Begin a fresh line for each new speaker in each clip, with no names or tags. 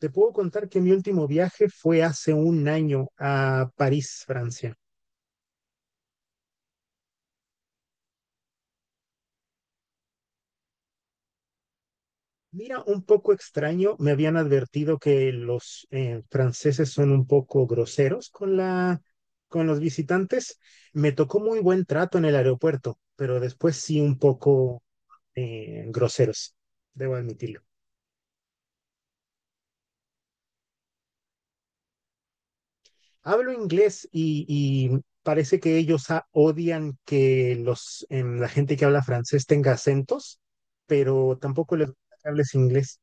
Te puedo contar que mi último viaje fue hace un año a París, Francia. Mira, un poco extraño, me habían advertido que los franceses son un poco groseros con con los visitantes. Me tocó muy buen trato en el aeropuerto, pero después sí un poco groseros, debo admitirlo. Hablo inglés y parece que ellos odian que la gente que habla francés tenga acentos, pero tampoco les gusta que hables inglés.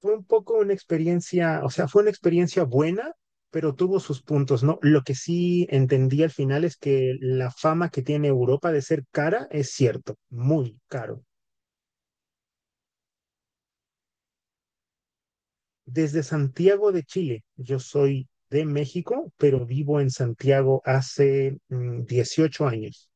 Fue un poco una experiencia, o sea, fue una experiencia buena, pero tuvo sus puntos, ¿no? Lo que sí entendí al final es que la fama que tiene Europa de ser cara es cierto, muy caro. Desde Santiago de Chile, yo soy de México, pero vivo en Santiago hace 18 años.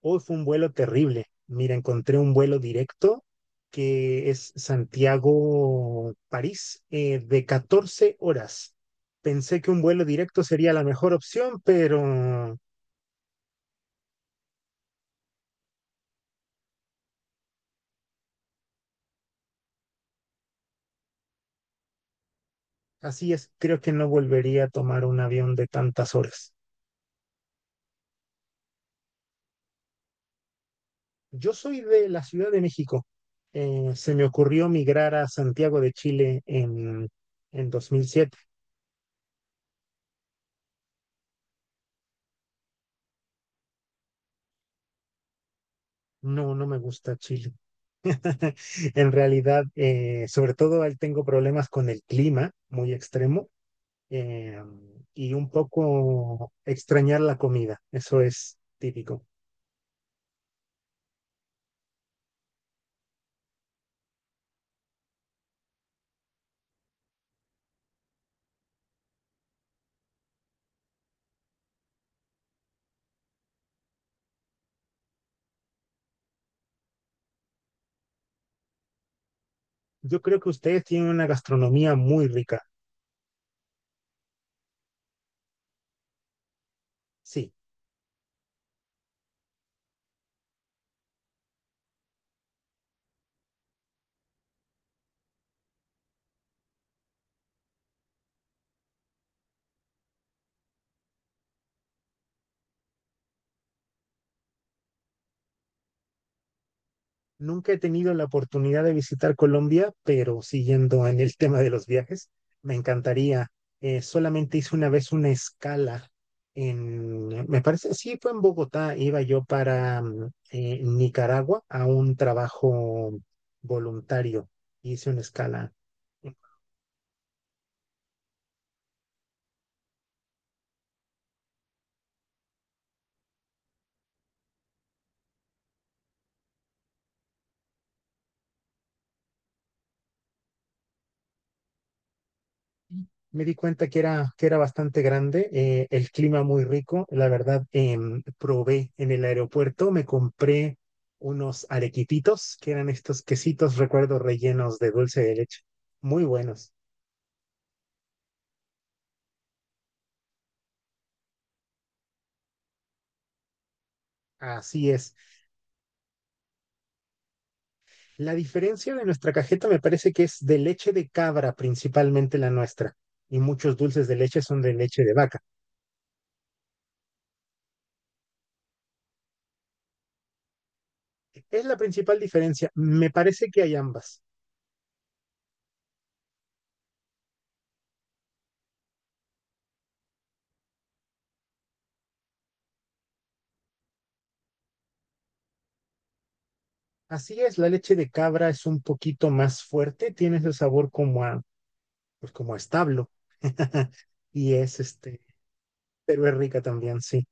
Hoy fue un vuelo terrible. Mira, encontré un vuelo directo que es Santiago-París de 14 horas. Pensé que un vuelo directo sería la mejor opción, pero así es, creo que no volvería a tomar un avión de tantas horas. Yo soy de la Ciudad de México. Se me ocurrió migrar a Santiago de Chile en 2007. No, no me gusta Chile. En realidad, sobre todo él tengo problemas con el clima muy extremo eh, y un poco extrañar la comida. Eso es típico. Yo creo que ustedes tienen una gastronomía muy rica. Sí. Nunca he tenido la oportunidad de visitar Colombia, pero siguiendo en el tema de los viajes, me encantaría. Solamente hice una vez una escala en, me parece, sí, fue en Bogotá. Iba yo para Nicaragua a un trabajo voluntario. Hice una escala. Me di cuenta que que era bastante grande, el clima muy rico. La verdad, probé en el aeropuerto, me compré unos arequipitos, que eran estos quesitos, recuerdo, rellenos de dulce de leche. Muy buenos. Así es. La diferencia de nuestra cajeta me parece que es de leche de cabra, principalmente la nuestra. Y muchos dulces de leche son de leche de vaca. Es la principal diferencia. Me parece que hay ambas. Así es, la leche de cabra es un poquito más fuerte, tiene ese sabor como a pues como establo. Y es este, pero es rica también, sí.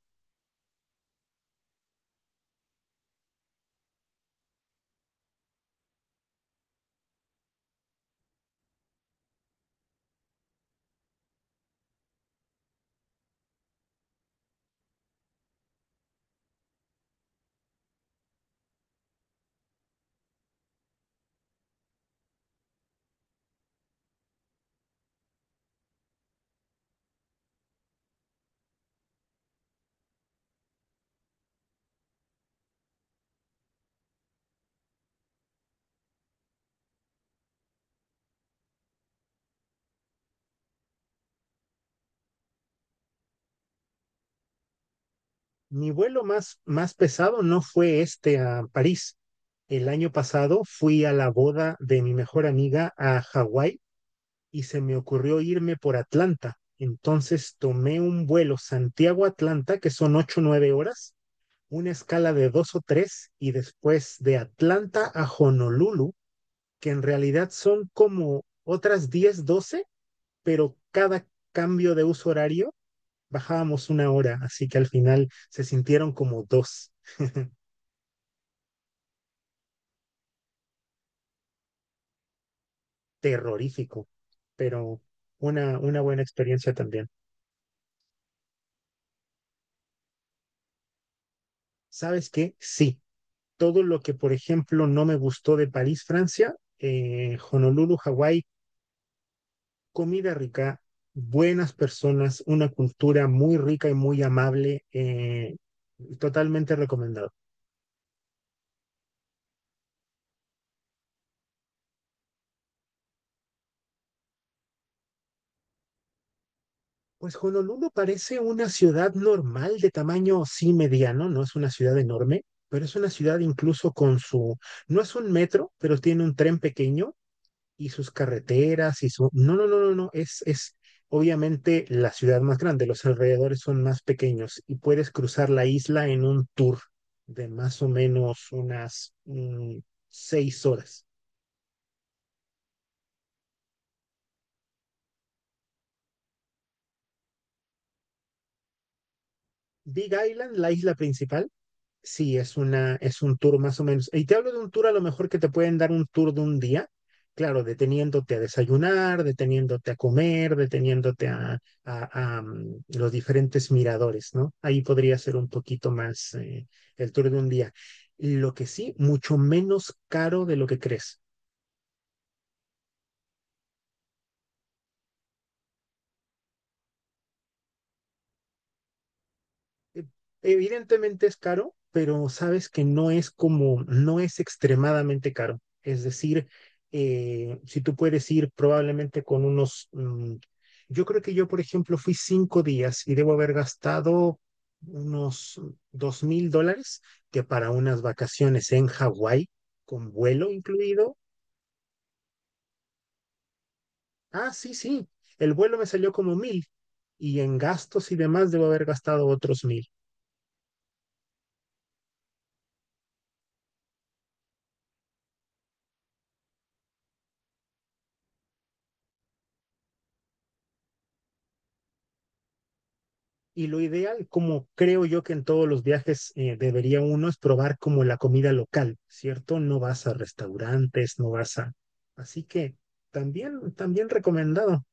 Mi vuelo más pesado no fue este a París. El año pasado fui a la boda de mi mejor amiga a Hawái y se me ocurrió irme por Atlanta. Entonces tomé un vuelo Santiago-Atlanta, que son ocho o 9 horas, una escala de 2 o 3, y después de Atlanta a Honolulu, que en realidad son como otras 10 12, pero cada cambio de uso horario bajábamos una hora, así que al final se sintieron como dos. Terrorífico, pero una buena experiencia también. ¿Sabes qué? Sí, todo lo que, por ejemplo, no me gustó de París, Francia, Honolulu, Hawái, comida rica, buenas personas, una cultura muy rica y muy amable, totalmente recomendado. Pues Honolulu parece una ciudad normal de tamaño sí mediano, no es una ciudad enorme, pero es una ciudad incluso con su, no es un metro, pero tiene un tren pequeño y sus carreteras y su, no, no, no, no, no, es obviamente la ciudad más grande, los alrededores son más pequeños y puedes cruzar la isla en un tour de más o menos unas 6 horas. Big Island, la isla principal. Sí, es una, es un tour más o menos. Y te hablo de un tour a lo mejor que te pueden dar un tour de un día, claro, deteniéndote a desayunar, deteniéndote a comer, deteniéndote a los diferentes miradores, ¿no? Ahí podría ser un poquito más el tour de un día. Lo que sí, mucho menos caro de lo que crees. e- Evidentemente es caro, pero sabes que no es como, no es extremadamente caro. Es decir, si tú puedes ir probablemente con unos, yo creo que yo, por ejemplo, fui 5 días y debo haber gastado unos $2000, que para unas vacaciones en Hawái, con vuelo incluido. Ah, sí, sí, el vuelo me salió como 1000 y en gastos y demás debo haber gastado otros 1000. Y lo ideal, como creo yo que en todos los viajes debería uno, es probar como la comida local, ¿cierto? No vas a restaurantes, no vas a... Así que también, también recomendado,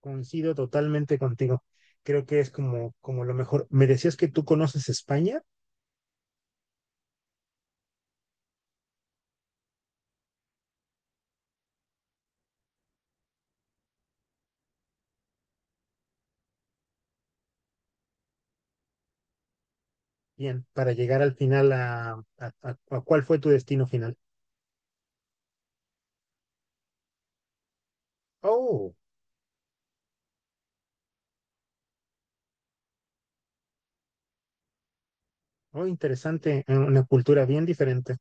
coincido totalmente contigo. Creo que es como, como lo mejor. Me decías que tú conoces España, bien, para llegar al final a, a cuál fue tu destino final. Oh, oh, interesante, una cultura bien diferente.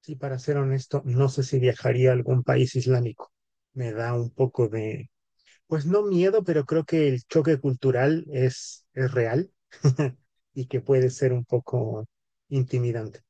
Sí, para ser honesto, no sé si viajaría a algún país islámico. Me da un poco de, pues no miedo, pero creo que el choque cultural es real y que puede ser un poco intimidante.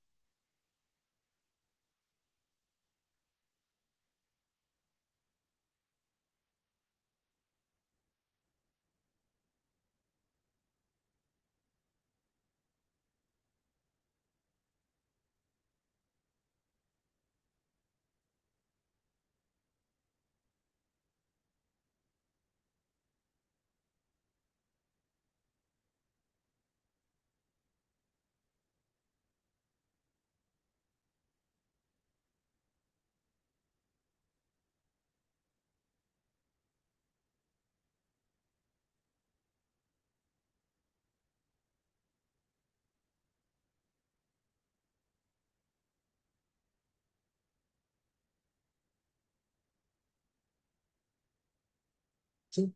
Sí,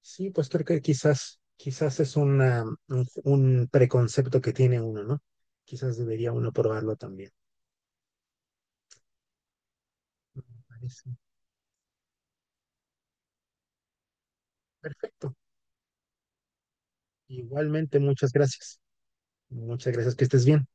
sí, pues creo que quizás, quizás es una, un preconcepto que tiene uno, ¿no? Quizás debería uno probarlo también. Me parece. Perfecto. Igualmente, muchas gracias. Muchas gracias, que estés bien.